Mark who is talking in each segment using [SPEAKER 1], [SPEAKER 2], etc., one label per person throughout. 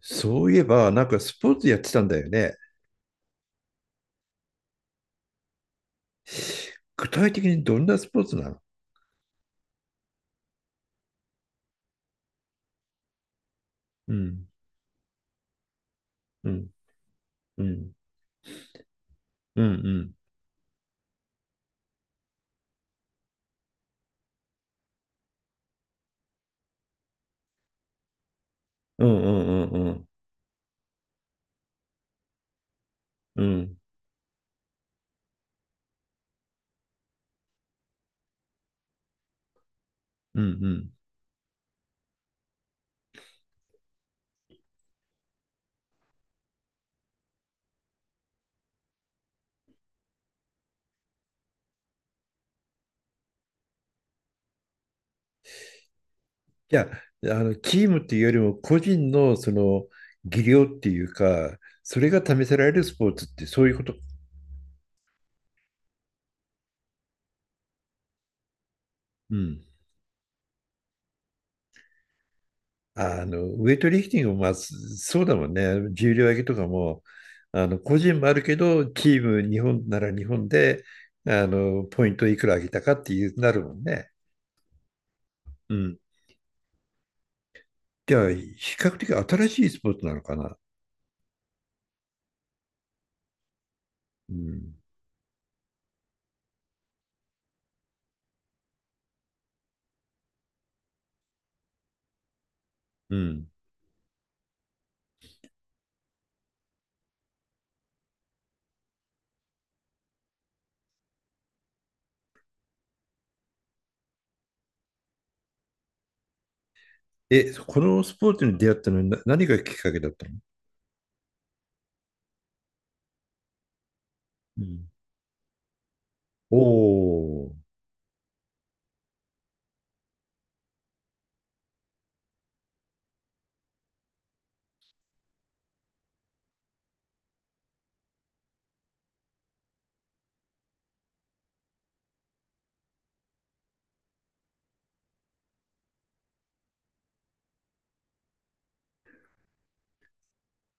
[SPEAKER 1] そういえば、なんかスポーツやってたんだよね。具体的にどんなスポーツなの？うん、うん、うん、うん、うん、うん、うん、うん、うん、うん、うん。いや、チームっていうよりも個人のその技量っていうか、それが試せられるスポーツってそういうこと。うん。ウェイトリフティングもまあ、そうだもんね。重量挙げとかも、個人もあるけど、チーム、日本なら日本で、ポイントいくら上げたかっていうなるもんね。うん。じゃあ、比較的新しいスポーツなのかな。うん。うん。え、このスポーツに出会ったのにな何がきっかけだったの？うん。おお。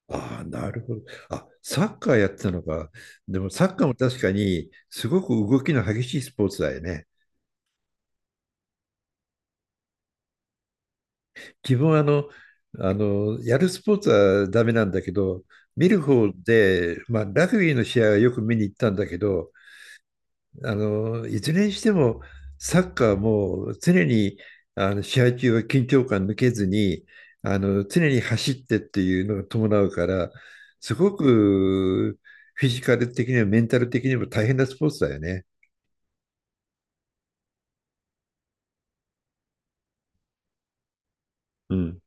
[SPEAKER 1] ああ、なるほど。あ、サッカーやってたのか。でもサッカーも確かにすごく動きの激しいスポーツだよね。自分はやるスポーツはダメなんだけど、見る方で、まあ、ラグビーの試合はよく見に行ったんだけど、いずれにしても、サッカーはもう常にあの試合中は緊張感抜けずに、常に走ってっていうのが伴うから、すごくフィジカル的にもメンタル的にも大変なスポーツだよね。うん、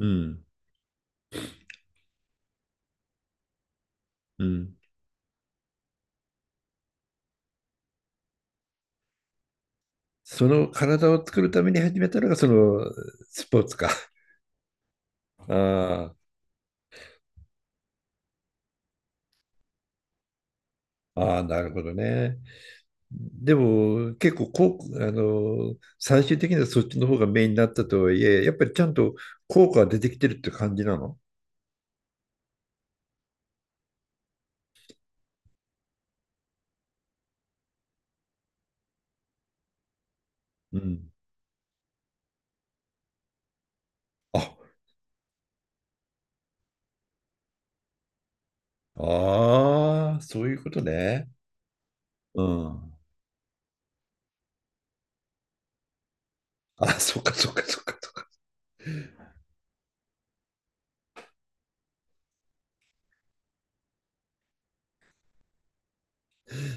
[SPEAKER 1] うん、うん。その体を作るために始めたのがそのスポーツか。ああ、ああ、なるほどね。でも結構こう、最終的にはそっちの方がメインになったとはいえ、やっぱりちゃんと効果が出てきてるって感じなの？うん。あ、ああ、そういうことね。うん。あ、そっかそっかそっかそっか。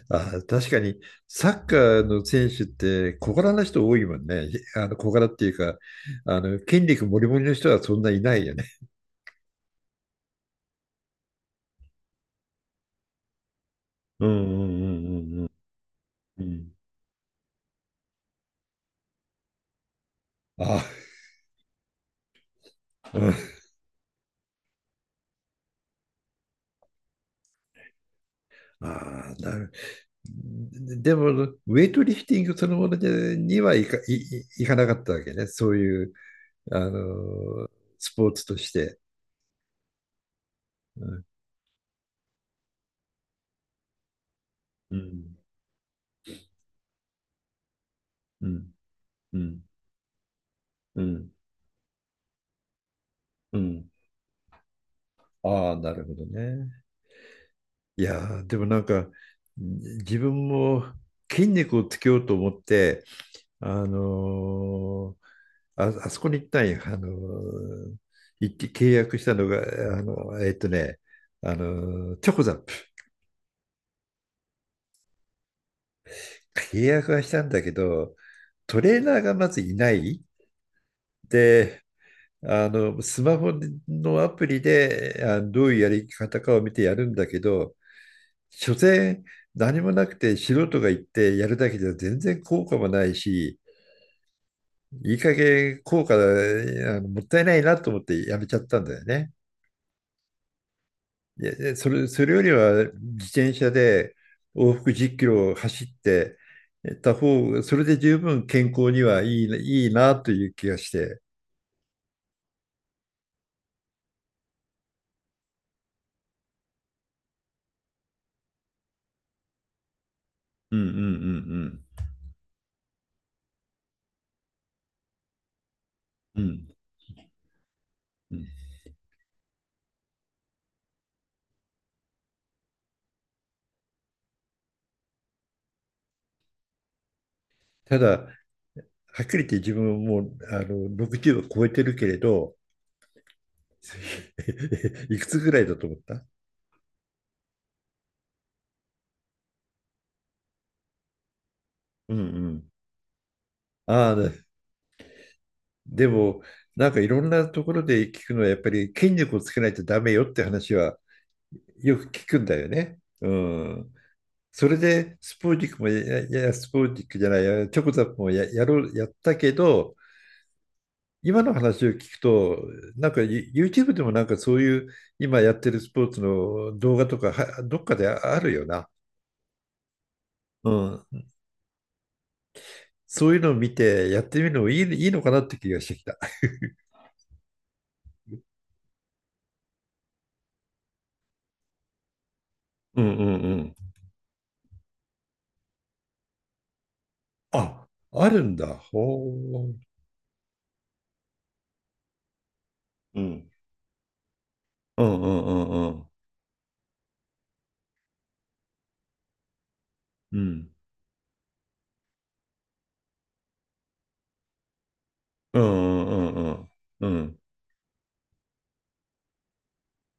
[SPEAKER 1] あ、確かにサッカーの選手って小柄な人多いもんね。あの小柄っていうか、あの筋肉もりもりの人はそんないないよね。うん、うん、うん、うん、うん。うん、あ、うん、あー、なる。でも、ウェイトリフティングそのものにはいいかなかったわけね。そういう、あのースポーツとして。うん、うん、うん、うん、うん。ああ、なるほどね。いやーでもなんか、じ自分も筋肉をつけようと思って、あのーあ、あそこに行ったんよ。行って契約したのが、あの、えっとね、チョコザップ。契約はしたんだけど、トレーナーがまずいない。で、スマホのアプリで、どういうやり方かを見てやるんだけど、所詮何もなくて素人が行ってやるだけじゃ全然効果もないし、いい加減効果、もったいないなと思ってやめちゃったんだよね。いや、いやそれよりは自転車で往復10キロを走ってた方が、それで十分健康にはいいな、いいなという気がして。うん、うん、うん、うん。うん、うん。ただ、はっきり言って自分もう60を超えてるけれど、いくつぐらいだと思った？うん、うん。ああ、でも、なんかいろんなところで聞くのは、やっぱり筋肉をつけないとダメよって話はよく聞くんだよね。うん。それでスポーテックもや、いやいや、スポーテックじゃないや、チョコザップもや、やろう、やったけど、今の話を聞くと、なんか YouTube でもなんかそういう今やってるスポーツの動画とかはどっかであるよな。うん。そういうのを見てやってみるのもいいのかなって気がしてきた。うん、うん、うん。あ、あるんだ。ほう。うん、うん、うん、うん、うん、うん、うん、うん、うん、うん、うん、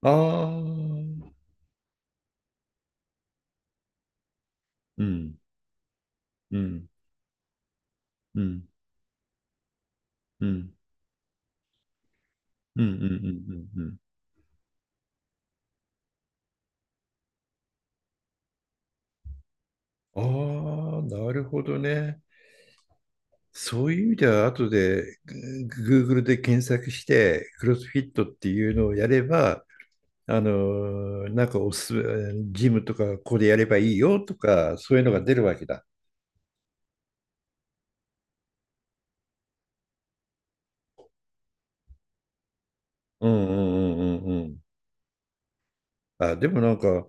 [SPEAKER 1] ああー、うん、うん、うん、うん、うん、うん、うん、うん、うん。ああ、なるほどね。そういう意味では、後でGoogle で検索して、クロスフィットっていうのをやれば、あのなんかおすすめ、ジムとかここでやればいいよとか、そういうのが出るわけだ。うん、うん、うん、うん、うん。あ、でもなんか、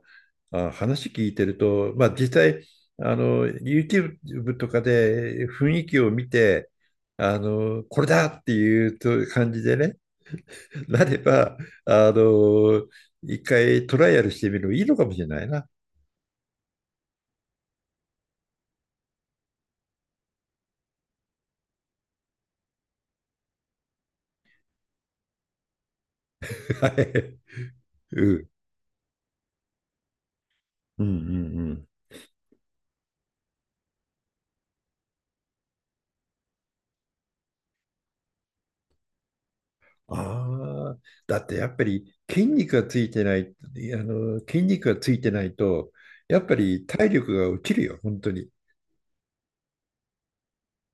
[SPEAKER 1] あ、話聞いてると、まあ実際、YouTube とかで雰囲気を見て、これだっていうと感じでね、なれば、あの、一回トライアルしてみるのいいのかもしれないな。はい。うん。うん、うん、うん。ああ、だってやっぱり筋肉がついてない、筋肉がついてないと、やっぱり体力が落ちるよ、本当に。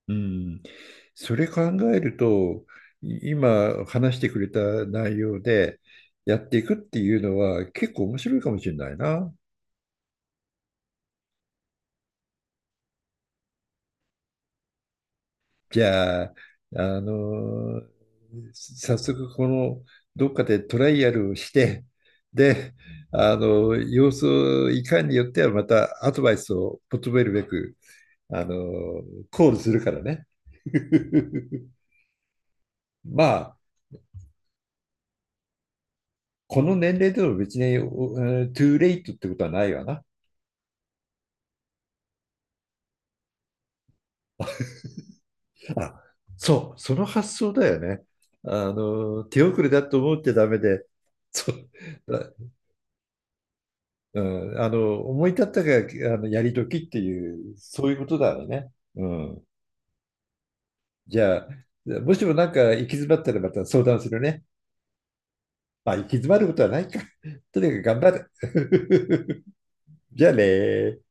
[SPEAKER 1] うん。それ考えると、今話してくれた内容でやっていくっていうのは結構面白いかもしれないな。じゃあ、あのー早速このどっかでトライアルをして、で、あの様子をいかんによってはまたアドバイスを求めるべく、あのコールするからね。まあ、この年齢でも別に、トゥーレイトってことはないわな。あ、そう、その発想だよね。手遅れだと思ってダメで、そう、うん、思い立ったが、やり時っていう、そういうことだよね。うん。じゃあ、もしもなんか行き詰まったらまた相談するね。まあ、行き詰まることはないか。とにかく頑張る。じゃあねー